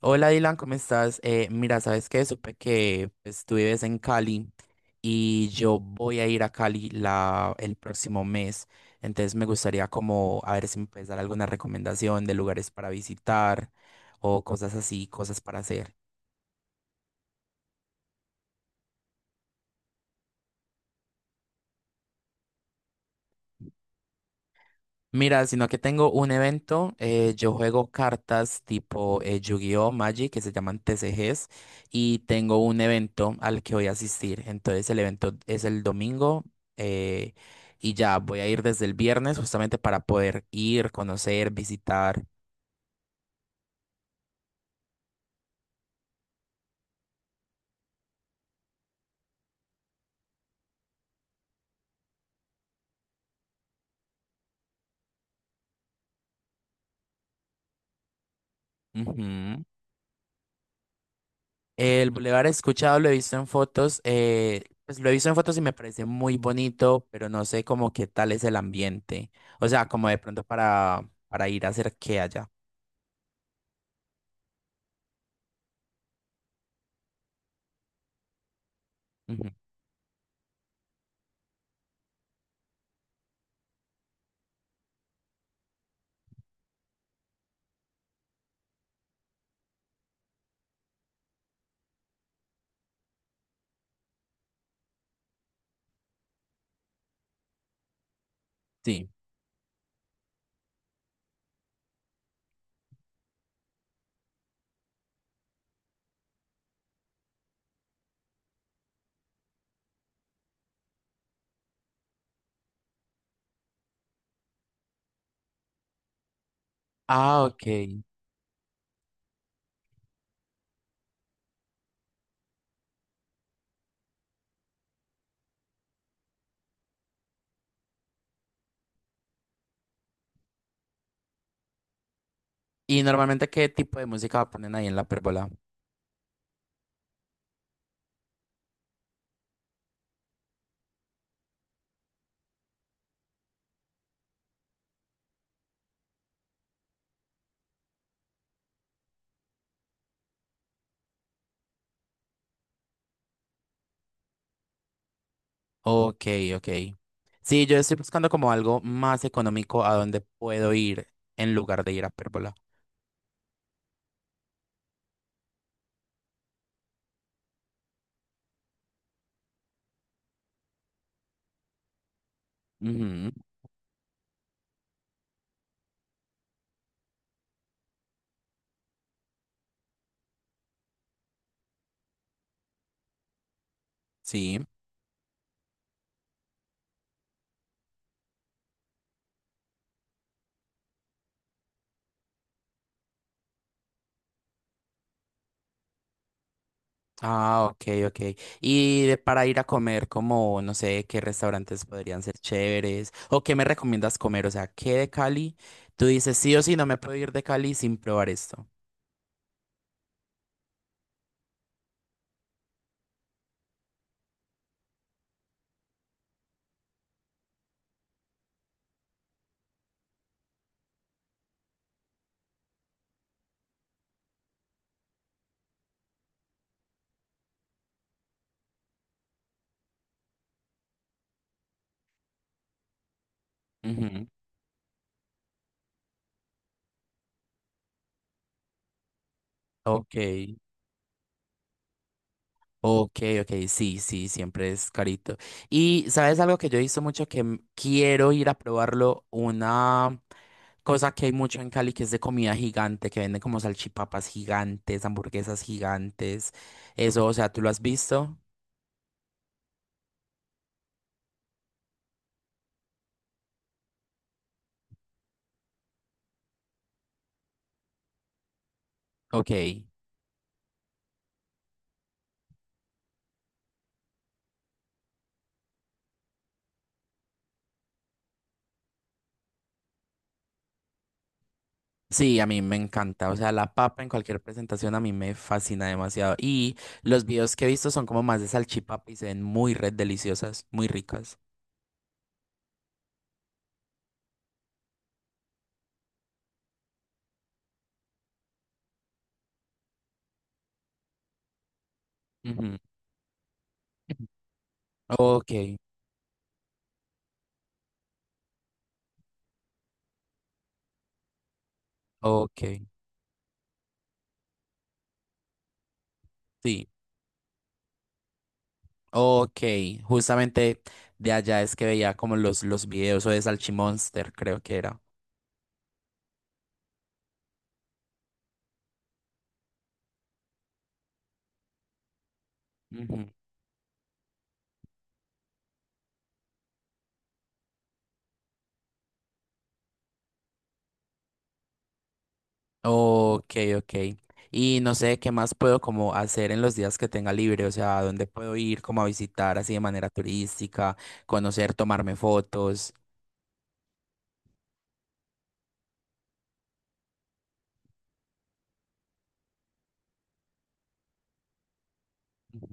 Hola Dylan, ¿cómo estás? Mira, ¿sabes qué? Supe que pues, tú vives en Cali y yo voy a ir a Cali el próximo mes. Entonces me gustaría como a ver si me puedes dar alguna recomendación de lugares para visitar o cosas así, cosas para hacer. Mira, sino que tengo un evento, yo juego cartas tipo Yu-Gi-Oh, Magic, que se llaman TCGs, y tengo un evento al que voy a asistir. Entonces el evento es el domingo, eh, y ya voy a ir desde el viernes justamente para poder ir, conocer, visitar. Ujú. El bulevar he escuchado, lo he visto en fotos, pues lo he visto en fotos y me parece muy bonito, pero no sé como qué tal es el ambiente. O sea, como de pronto para ir a hacer qué allá. Sí. Ah, ok. ¿Y normalmente qué tipo de música ponen ahí en la pérgola? Ok, ok. Sí, yo estoy buscando como algo más económico a donde puedo ir en lugar de ir a pérgola. Ujú, sí. Ah, ok, ok. Y para ir a comer, como, no sé, qué restaurantes podrían ser chéveres o qué me recomiendas comer, o sea, qué de Cali. Tú dices, sí o sí, no me puedo ir de Cali sin probar esto. Ujú. Ok. Ok, ok, sí, sí, siempre es carito. Y sabes algo que yo he visto mucho que quiero ir a probarlo, una cosa que hay mucho en Cali que es de comida gigante, que venden como salchipapas gigantes, hamburguesas gigantes. Eso, o sea, ¿tú lo has visto? Ok. Sí, a mí me encanta. O sea, la papa en cualquier presentación a mí me fascina demasiado. Y los videos que he visto son como más de salchipapa y se ven muy red deliciosas, muy ricas. Ujú. Ok, ok, sí. Ok, justamente de allá es que veía como los videos o de Salchimonster, creo que era. Ujú. Ok, ok. Y no sé qué más puedo como hacer en los días que tenga libre, o sea, dónde puedo ir como a visitar así de manera turística, conocer, tomarme fotos. Ujú.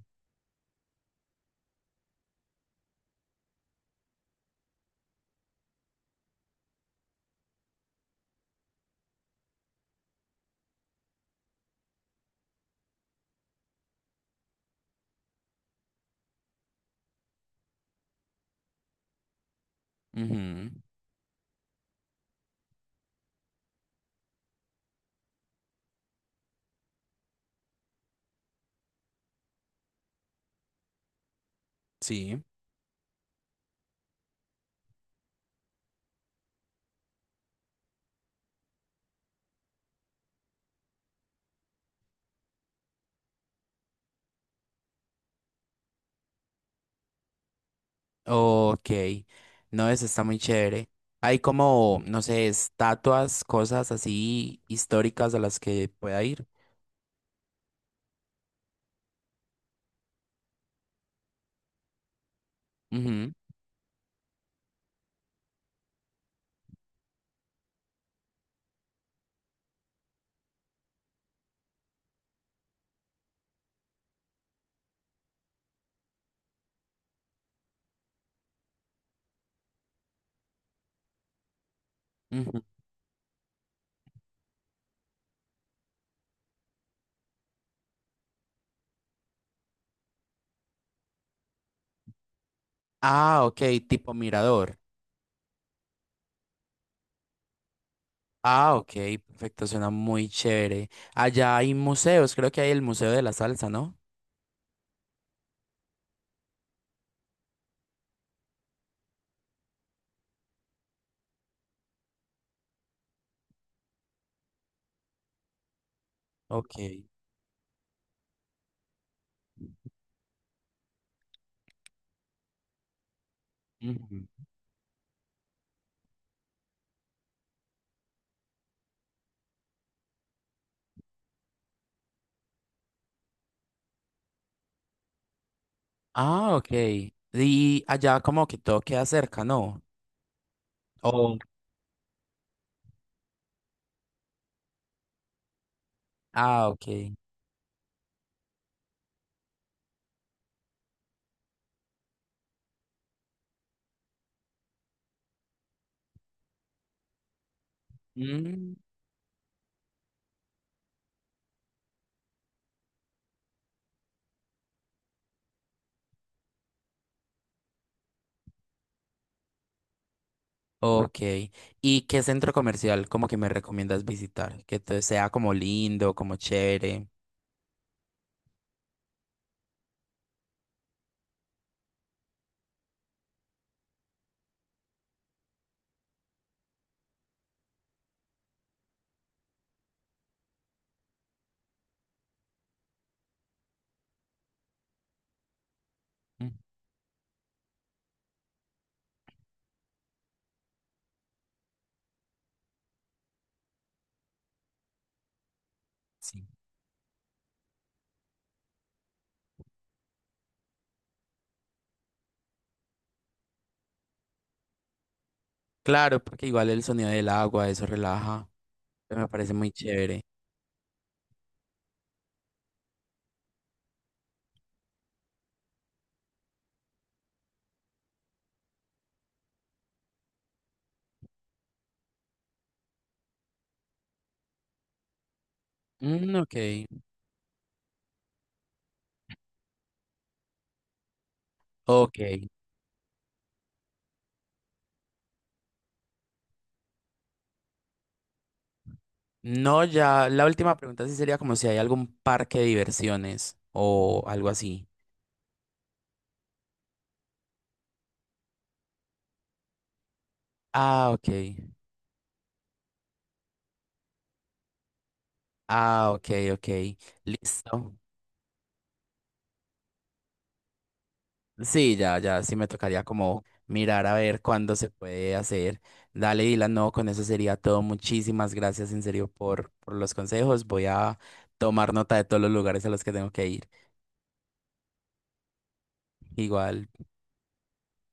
Ujú, sí. Ok, no, eso está muy chévere. Hay como, no sé, estatuas, cosas así históricas a las que pueda ir. Ujú, ujú. Ah, ok, tipo mirador. Ah, ok, perfecto, suena muy chévere. Allá hay museos, creo que hay el Museo de la Salsa, ¿no? Ok. Ujú. Ah, ok. Y allá como que todo queda cerca, ¿no? Oh. Ah, ok. Mm. Ok. ¿Y qué centro comercial como que me recomiendas visitar? Que sea como lindo, como chévere. Mm, sí. Claro, porque igual el sonido del agua, eso relaja. Me parece muy chévere. Mm, ok. Ok. No, ya, la última pregunta sí sería como si hay algún parque de diversiones o algo así. Ah, ok. Ah, ok, ok. Listo. Sí, ya, ya, sí me tocaría como mirar a ver cuándo se puede hacer. Dale, Dylan, no, con eso sería todo. Muchísimas gracias en serio por los consejos. Voy a tomar nota de todos los lugares a los que tengo que ir. Igual.